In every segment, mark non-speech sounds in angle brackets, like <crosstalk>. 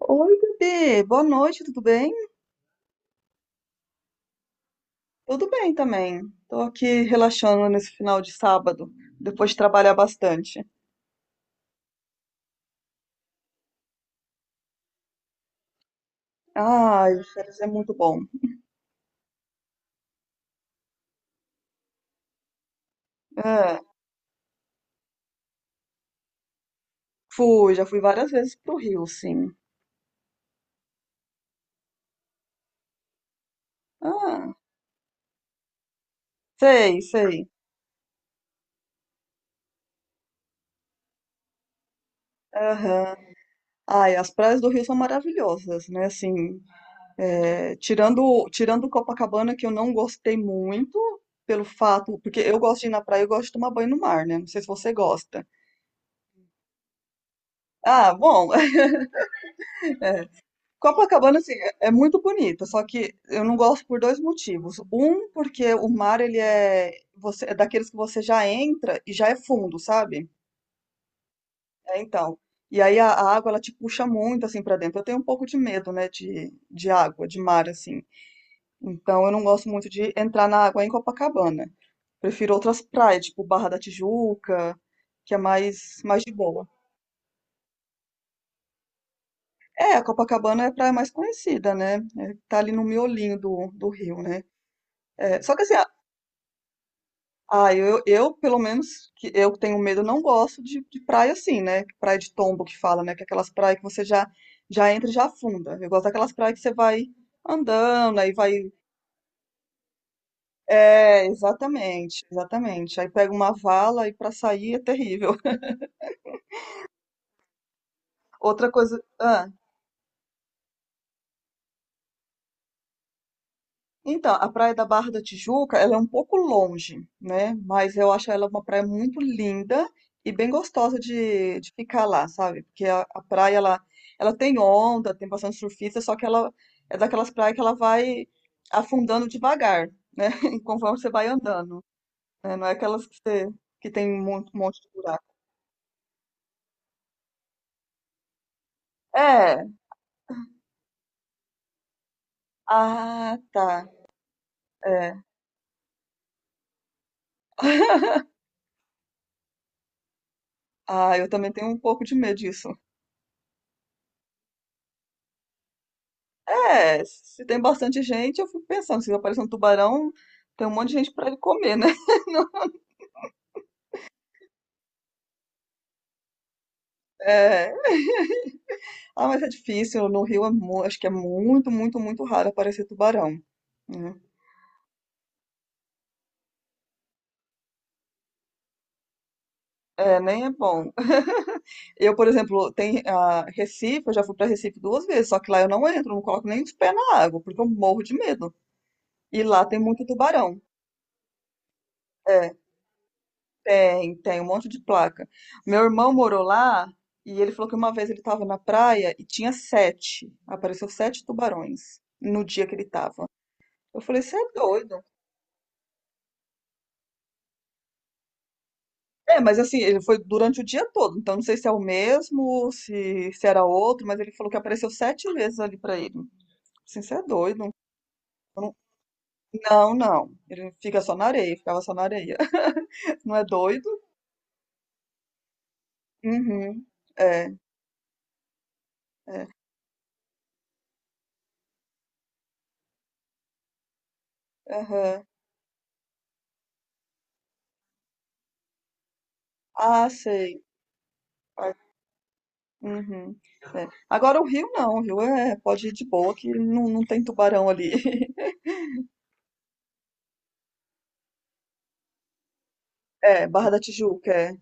Oi, Gabi, boa noite, tudo bem? Tudo bem também. Tô aqui relaxando nesse final de sábado, depois de trabalhar bastante. Ai, férias é muito bom. É, fui, já fui várias vezes pro Rio, sim. Ah, sei, sei. Aham. Ai, as praias do Rio são maravilhosas, né? Assim, tirando Copacabana, que eu não gostei muito, pelo fato, porque eu gosto de ir na praia, eu gosto de tomar banho no mar, né? Não sei se você gosta. Ah, bom, Copacabana, assim, é muito bonita, só que eu não gosto por dois motivos. Um, porque o mar, você, é daqueles que você já entra e já é fundo, sabe? É, então. E aí a água, ela te puxa muito, assim, pra dentro. Eu tenho um pouco de medo, né, de água, de mar, assim. Então, eu não gosto muito de entrar na água em Copacabana. Prefiro outras praias, tipo Barra da Tijuca, que é mais de boa. É, a Copacabana é a praia mais conhecida, né? É, tá ali no miolinho do Rio, né? É, só que assim, ah, eu, pelo menos, que eu que tenho medo, não gosto de praia assim, né? Praia de tombo que fala, né? Que é aquelas praias que você já entra e já afunda. Eu gosto daquelas praias que você vai andando, aí vai. É, exatamente, exatamente. Aí pega uma vala e pra sair é terrível. <laughs> Outra coisa. Ah. Então, a Praia da Barra da Tijuca, ela é um pouco longe, né? Mas eu acho ela uma praia muito linda e bem gostosa de ficar lá, sabe? Porque a praia, ela tem onda, tem bastante surfista, só que ela é daquelas praias que ela vai afundando devagar, né? <laughs> Conforme você vai andando, né? Não é aquelas que você, que tem um monte de buraco. É, ah, tá, é. Ah, eu também tenho um pouco de medo disso. É, se tem bastante gente, eu fico pensando, se aparecer um tubarão, tem um monte de gente para ele comer, né? <laughs> É. Ah, mas é difícil, no Rio é acho que é muito, muito, muito raro aparecer tubarão. Né? É, nem é bom. Eu, por exemplo, tem a Recife, eu já fui para Recife duas vezes, só que lá eu não entro, não coloco nem os pés na água, porque eu morro de medo. E lá tem muito tubarão. É, tem um monte de placa. Meu irmão morou lá e ele falou que uma vez ele estava na praia e tinha sete. Apareceu sete tubarões no dia que ele estava. Eu falei, você é doido. É, mas assim, ele foi durante o dia todo, então não sei se é o mesmo, se era outro, mas ele falou que apareceu sete vezes ali pra ele. Assim, você é doido. Eu não, não, não. Ele fica só na areia, ficava só na areia. <laughs> Não é doido? Uhum. É, é. Aham. Ah, sei. Uhum. É. Agora o Rio não, o Rio é, pode ir de boa, que não, não tem tubarão ali. <laughs> É, Barra da Tijuca, é.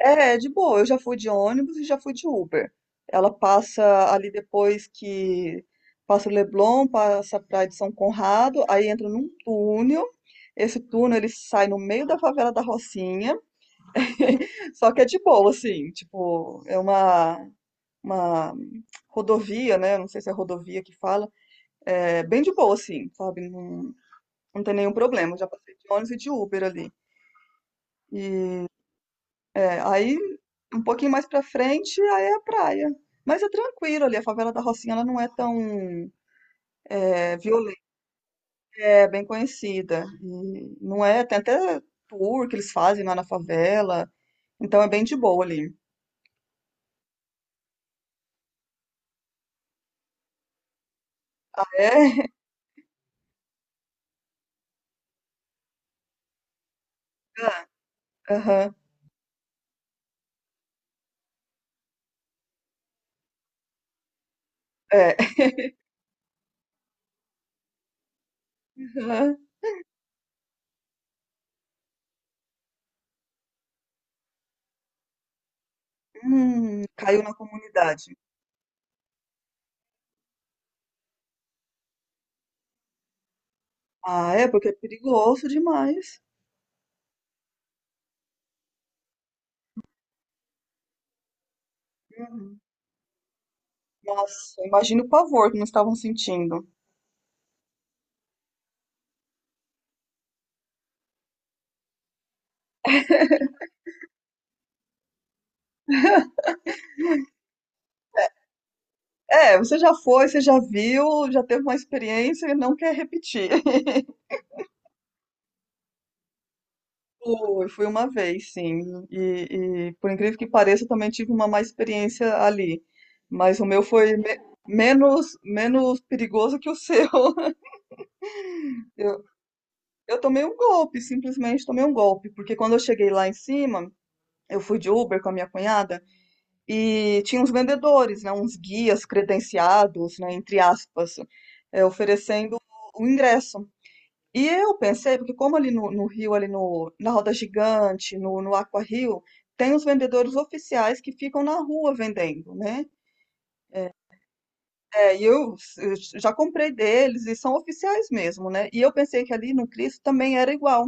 É, é de boa, eu já fui de ônibus e já fui de Uber. Ela passa ali depois que passa o Leblon, passa a Praia de São Conrado, aí entra num túnel. Esse túnel ele sai no meio da favela da Rocinha, <laughs> só que é de boa, assim, tipo, é uma rodovia, né? Não sei se é rodovia que fala, é bem de boa, assim, sabe? Não tem nenhum problema, eu já passei de ônibus e de Uber ali. E aí, um pouquinho mais pra frente, aí é a praia. Mas é tranquilo ali, a favela da Rocinha ela não é tão violenta, é bem conhecida. E não é, tem até tour que eles fazem lá na favela, então é bem de boa ali. É, <laughs> aham, é. Aham. Caiu na comunidade. Ah, é, porque é perigoso demais. Uhum. Nossa, imagina o pavor que nós estavam sentindo. É, você já foi, você já viu, já teve uma experiência e não quer repetir. <laughs> Fui, fui uma vez, sim. E, por incrível que pareça, eu também tive uma má experiência ali. Mas o meu foi menos, menos perigoso que o seu. <laughs> Eu, eu tomei um golpe, simplesmente tomei um golpe. Porque quando eu cheguei lá em cima, eu fui de Uber com a minha cunhada e tinha uns vendedores, né, uns guias credenciados, né, entre aspas, oferecendo o ingresso. E eu pensei, porque como ali no Rio, ali no, na Roda Gigante, no Aqua Rio, tem os vendedores oficiais que ficam na rua vendendo, né? É, e eu já comprei deles e são oficiais mesmo, né? E eu pensei que ali no Cristo também era igual.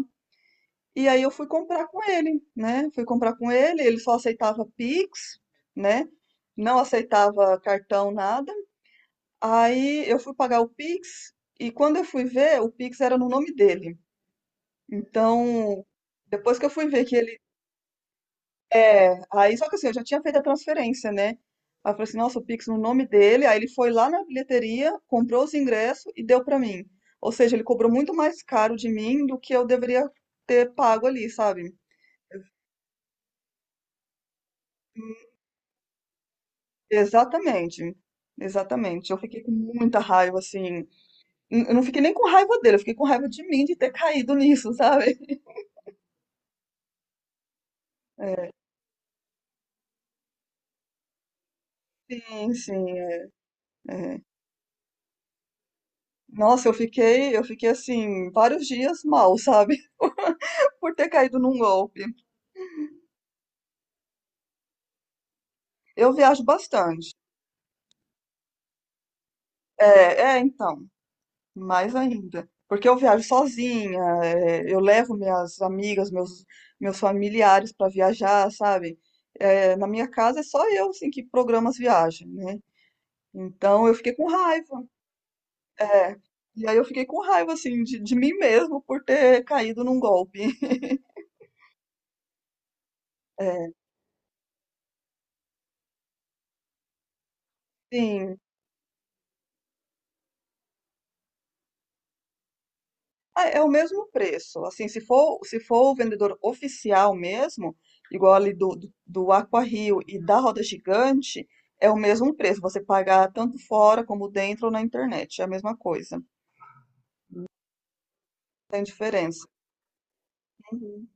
E aí eu fui comprar com ele, né? Fui comprar com ele, ele só aceitava Pix, né? Não aceitava cartão, nada. Aí eu fui pagar o Pix e quando eu fui ver, o Pix era no nome dele. Então, depois que eu fui ver que ele. É, aí só que assim, eu já tinha feito a transferência, né? Aí eu falei assim, nossa, o Pix no nome dele. Aí ele foi lá na bilheteria, comprou os ingressos e deu pra mim. Ou seja, ele cobrou muito mais caro de mim do que eu deveria ter pago ali, sabe? Exatamente. Exatamente. Eu fiquei com muita raiva, assim. Eu não fiquei nem com raiva dele, eu fiquei com raiva de mim de ter caído nisso, sabe? <laughs> É, sim, sim. É. Nossa, eu fiquei assim, vários dias mal, sabe? <laughs> Por ter caído num golpe. Eu viajo bastante. É, é, então, mais ainda. Porque eu viajo sozinha, é, eu levo minhas amigas, meus familiares para viajar, sabe? É, na minha casa é só eu, assim, que programa as viagens, né? Então eu fiquei com raiva. É. E aí eu fiquei com raiva, assim, de mim mesmo por ter caído num golpe. <laughs> É, sim. Ah, é o mesmo preço. Assim, se for o vendedor oficial mesmo, igual ali do Aqua Rio e da Roda Gigante, é o mesmo preço. Você pagar tanto fora como dentro ou na internet. É a mesma coisa. Não tem diferença. Uhum.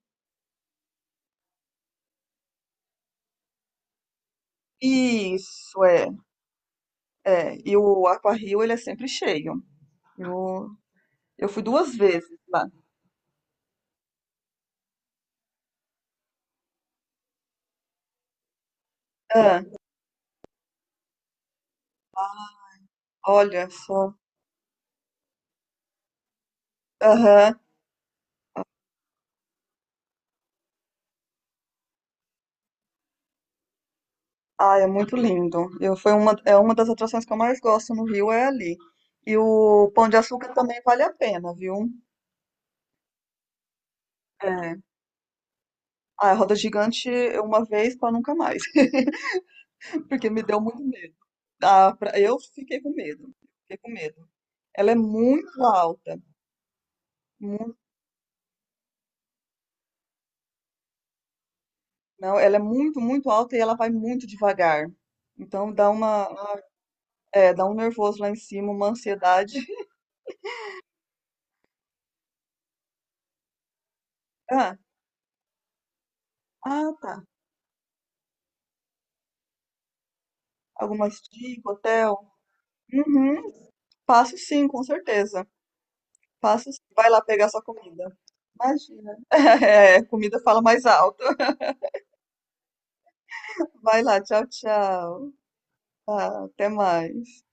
Isso, é. É. E o Aqua Rio, ele é sempre cheio. Eu, eu fui duas vezes lá. Ah, olha só. Aham. Ah, é muito lindo. Eu, foi uma, é uma das atrações que eu mais gosto no Rio, é ali. E o Pão de Açúcar também vale a pena, viu? É. Ah, a roda gigante eu uma vez para nunca mais, <laughs> porque me deu muito medo. Ah, eu fiquei com medo, fiquei com medo. Ela é muito alta, muito, não, ela é muito, muito alta e ela vai muito devagar. Então dá uma, dá um nervoso lá em cima, uma ansiedade. <laughs> Ah, ah, tá. Algumas dicas, hotel. Uhum, passo sim, com certeza. Passa, vai lá pegar sua comida. Imagina. <laughs> É, comida fala mais alto. Vai lá, tchau, tchau. Tá, até mais.